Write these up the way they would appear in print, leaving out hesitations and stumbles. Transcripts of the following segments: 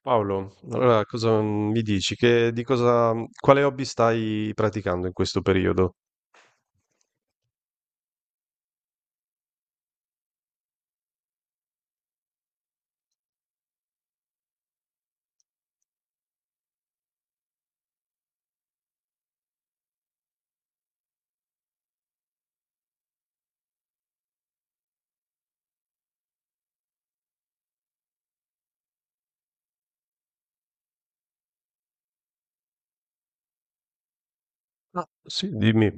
Paolo, allora cosa mi dici? Quale hobby stai praticando in questo periodo? Ah, sì, dimmi.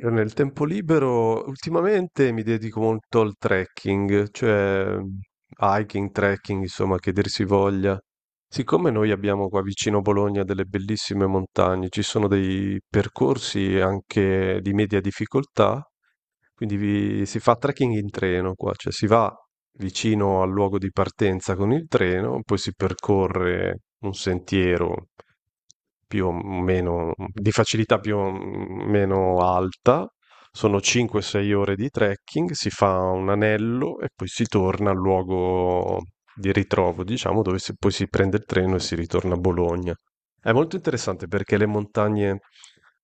Io nel tempo libero ultimamente mi dedico molto al trekking, cioè hiking, trekking, insomma, che dir si voglia. Siccome noi abbiamo qua vicino Bologna delle bellissime montagne, ci sono dei percorsi anche di media difficoltà, quindi si fa trekking in treno qua, cioè si va vicino al luogo di partenza con il treno, poi si percorre un sentiero più o meno di facilità più o meno alta. Sono 5-6 ore di trekking, si fa un anello e poi si torna al luogo di ritrovo, diciamo, dove poi si prende il treno e si ritorna a Bologna. È molto interessante perché le montagne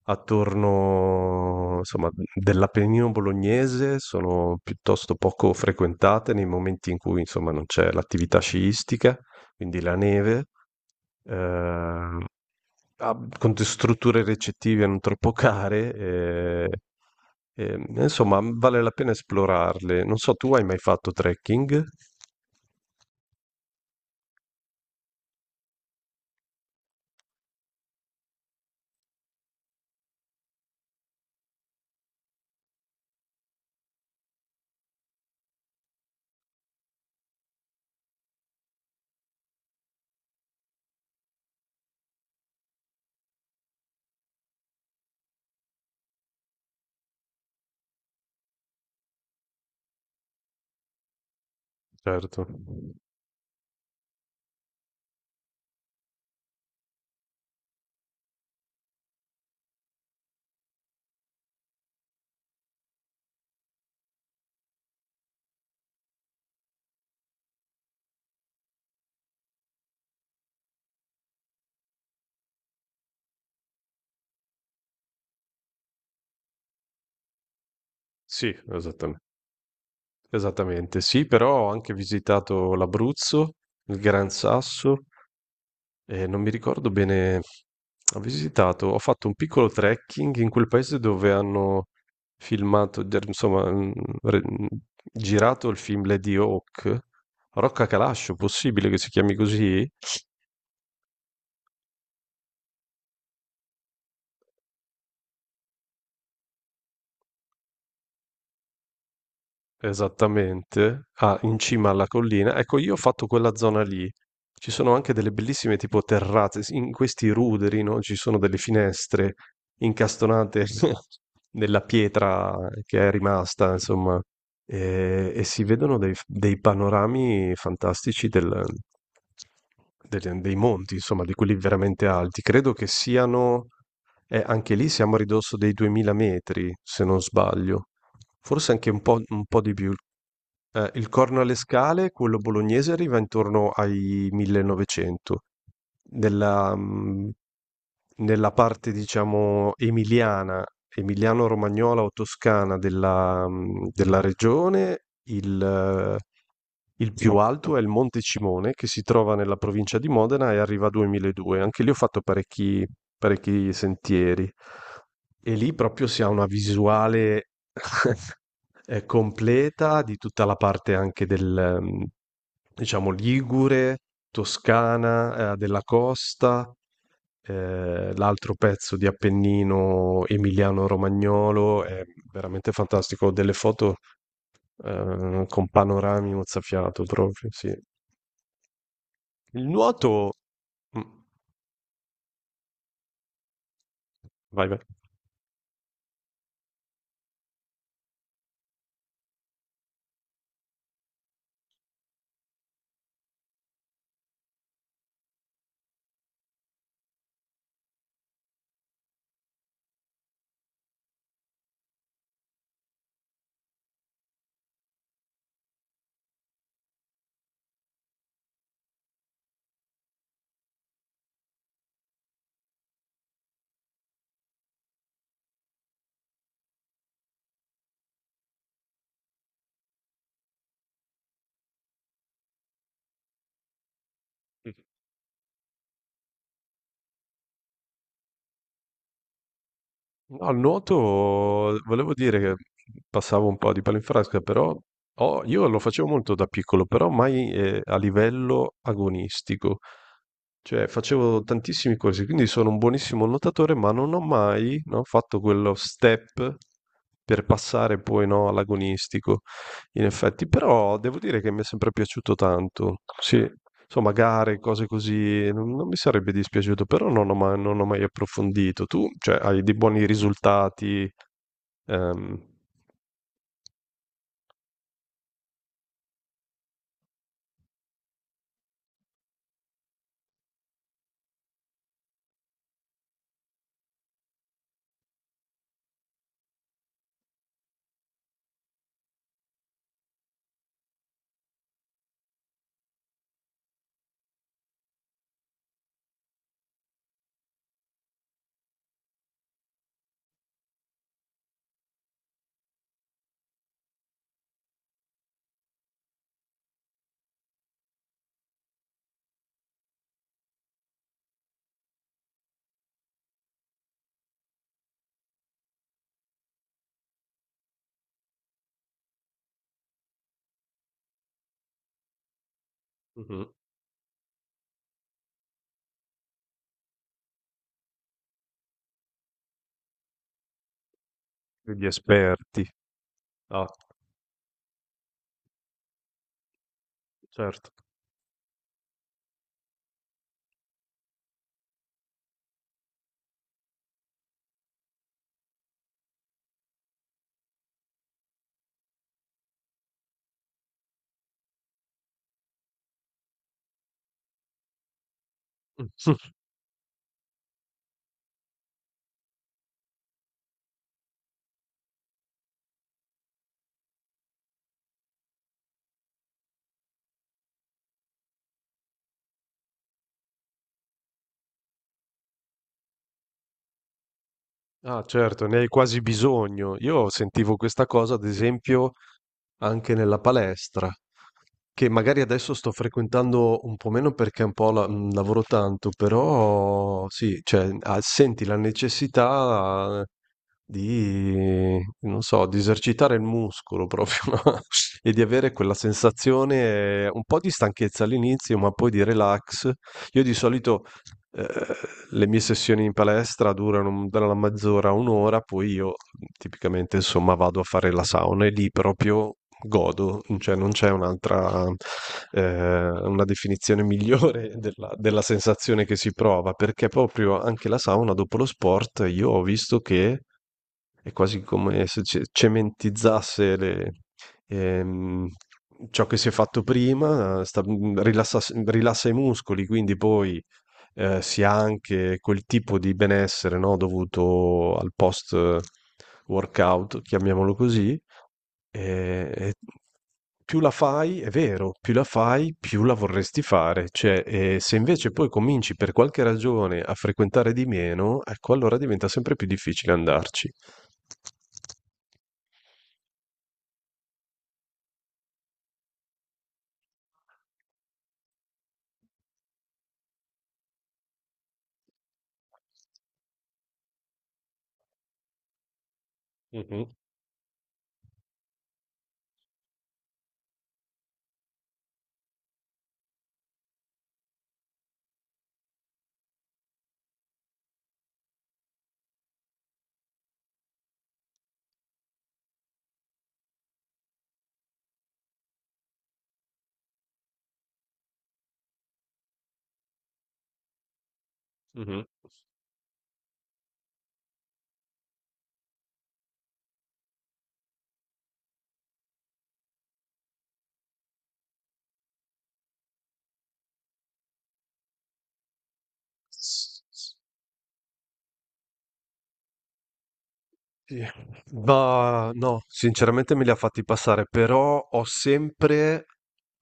attorno, insomma, dell'Appennino bolognese sono piuttosto poco frequentate nei momenti in cui, insomma, non c'è l'attività sciistica, quindi la neve eh, strutture ricettive non troppo care. Eh, insomma, vale la pena esplorarle. Non so, tu hai mai fatto trekking? Certo. Sì, esattamente. Esattamente, sì, però ho anche visitato l'Abruzzo, il Gran Sasso. Non mi ricordo bene, ho fatto un piccolo trekking in quel paese dove hanno filmato der insomma, re mhmm, girato il film Lady Hawk, Rocca Calascio, possibile che si chiami così? Esattamente, ah, in cima alla collina. Ecco, io ho fatto quella zona lì. Ci sono anche delle bellissime tipo terrazze, in questi ruderi, no? Ci sono delle finestre incastonate nella pietra che è rimasta, insomma, e si vedono dei panorami fantastici dei monti, insomma, di quelli veramente alti. Credo che siano, anche lì siamo a ridosso dei 2000 metri, se non sbaglio. Forse anche un po' di più. Il Corno alle Scale, quello bolognese, arriva intorno ai 1900. Nella, mh, nella parte, diciamo, emiliana, emiliano-romagnola o toscana della regione, il più alto è il Monte Cimone, che si trova nella provincia di Modena e arriva a 2200. Anche lì ho fatto parecchi, parecchi sentieri. E lì proprio si ha una visuale completa di tutta la parte anche del, diciamo, Ligure, Toscana, della costa, l'altro pezzo di Appennino emiliano-romagnolo, è veramente fantastico, ho delle foto con panorami mozzafiato proprio, sì. Il nuoto... Mm. Vai, vai. No, al nuoto volevo dire che passavo un po' di palinfrasca, però io lo facevo molto da piccolo, però mai a livello agonistico. Cioè facevo tantissimi corsi, quindi sono un buonissimo nuotatore, ma non ho mai, no, fatto quello step per passare poi, no, all'agonistico, in effetti. Però devo dire che mi è sempre piaciuto tanto. Sì, insomma, gare, cose così, non, non mi sarebbe dispiaciuto, però non ho mai approfondito. Tu, cioè, hai dei buoni risultati, ehm, Mhm. Degli esperti. Ah, certo. Ah, certo, ne hai quasi bisogno. Io sentivo questa cosa, ad esempio, anche nella palestra, che magari adesso sto frequentando un po' meno perché un po' lavoro tanto, però sì, cioè, ah, senti la necessità di, non so, di esercitare il muscolo proprio, no? E di avere quella sensazione, un po' di stanchezza all'inizio, ma poi di relax. Io di solito eh, le mie sessioni in palestra durano dalla mezz'ora a un'ora, poi io tipicamente insomma vado a fare la sauna e lì proprio godo, cioè non c'è un'altra, una definizione migliore della, della sensazione che si prova, perché proprio anche la sauna dopo lo sport io ho visto che è quasi come se cementizzasse le, ehm, ciò che si è fatto prima, rilassa rilassa i muscoli, quindi poi si ha anche quel tipo di benessere, no, dovuto al post workout, chiamiamolo così, e più la fai, è vero, più la fai, più la vorresti fare, cioè, e se invece poi cominci per qualche ragione a frequentare di meno, ecco, allora diventa sempre più difficile andarci. Mhm, mhm. Sì. Ma no, sinceramente me li ha fatti passare, però ho sempre,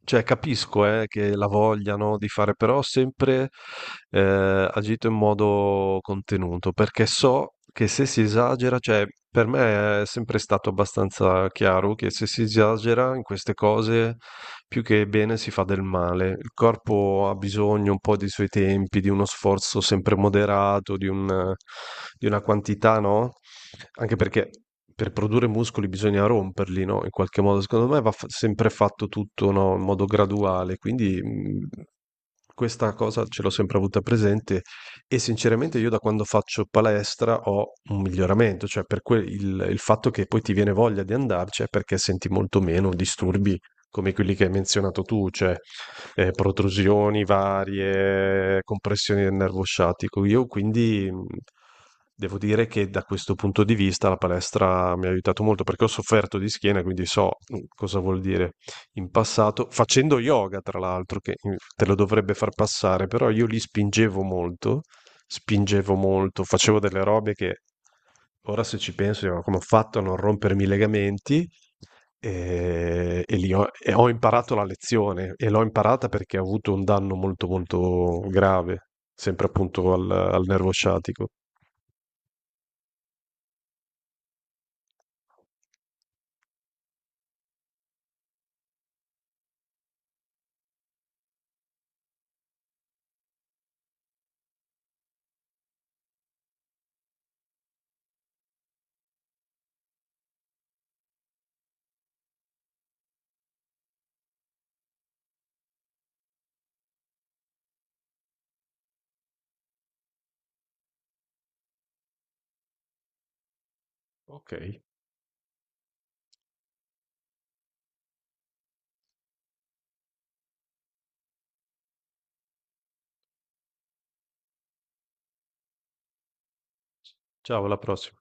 cioè capisco che la vogliano di fare, però ho sempre agito in modo contenuto, perché so che se si esagera, cioè per me è sempre stato abbastanza chiaro che se si esagera in queste cose, più che bene si fa del male. Il corpo ha bisogno un po' dei suoi tempi, di uno sforzo sempre moderato, di una quantità, no? Anche perché per produrre muscoli bisogna romperli, no? In qualche modo, secondo me va sempre fatto tutto, no? In modo graduale, quindi questa cosa ce l'ho sempre avuta presente e sinceramente io da quando faccio palestra ho un miglioramento, cioè per il fatto che poi ti viene voglia di andarci è perché senti molto meno disturbi come quelli che hai menzionato tu, cioè protrusioni varie, compressioni del nervo sciatico. Io quindi devo dire che da questo punto di vista la palestra mi ha aiutato molto perché ho sofferto di schiena, quindi so cosa vuol dire in passato, facendo yoga tra l'altro, che te lo dovrebbe far passare, però io li spingevo molto, facevo delle robe che Ora se ci penso, io come ho fatto a non rompermi i legamenti e ho imparato la lezione e l'ho imparata perché ho avuto un danno molto molto grave, sempre appunto al nervo sciatico. Ok, ciao, alla prossima.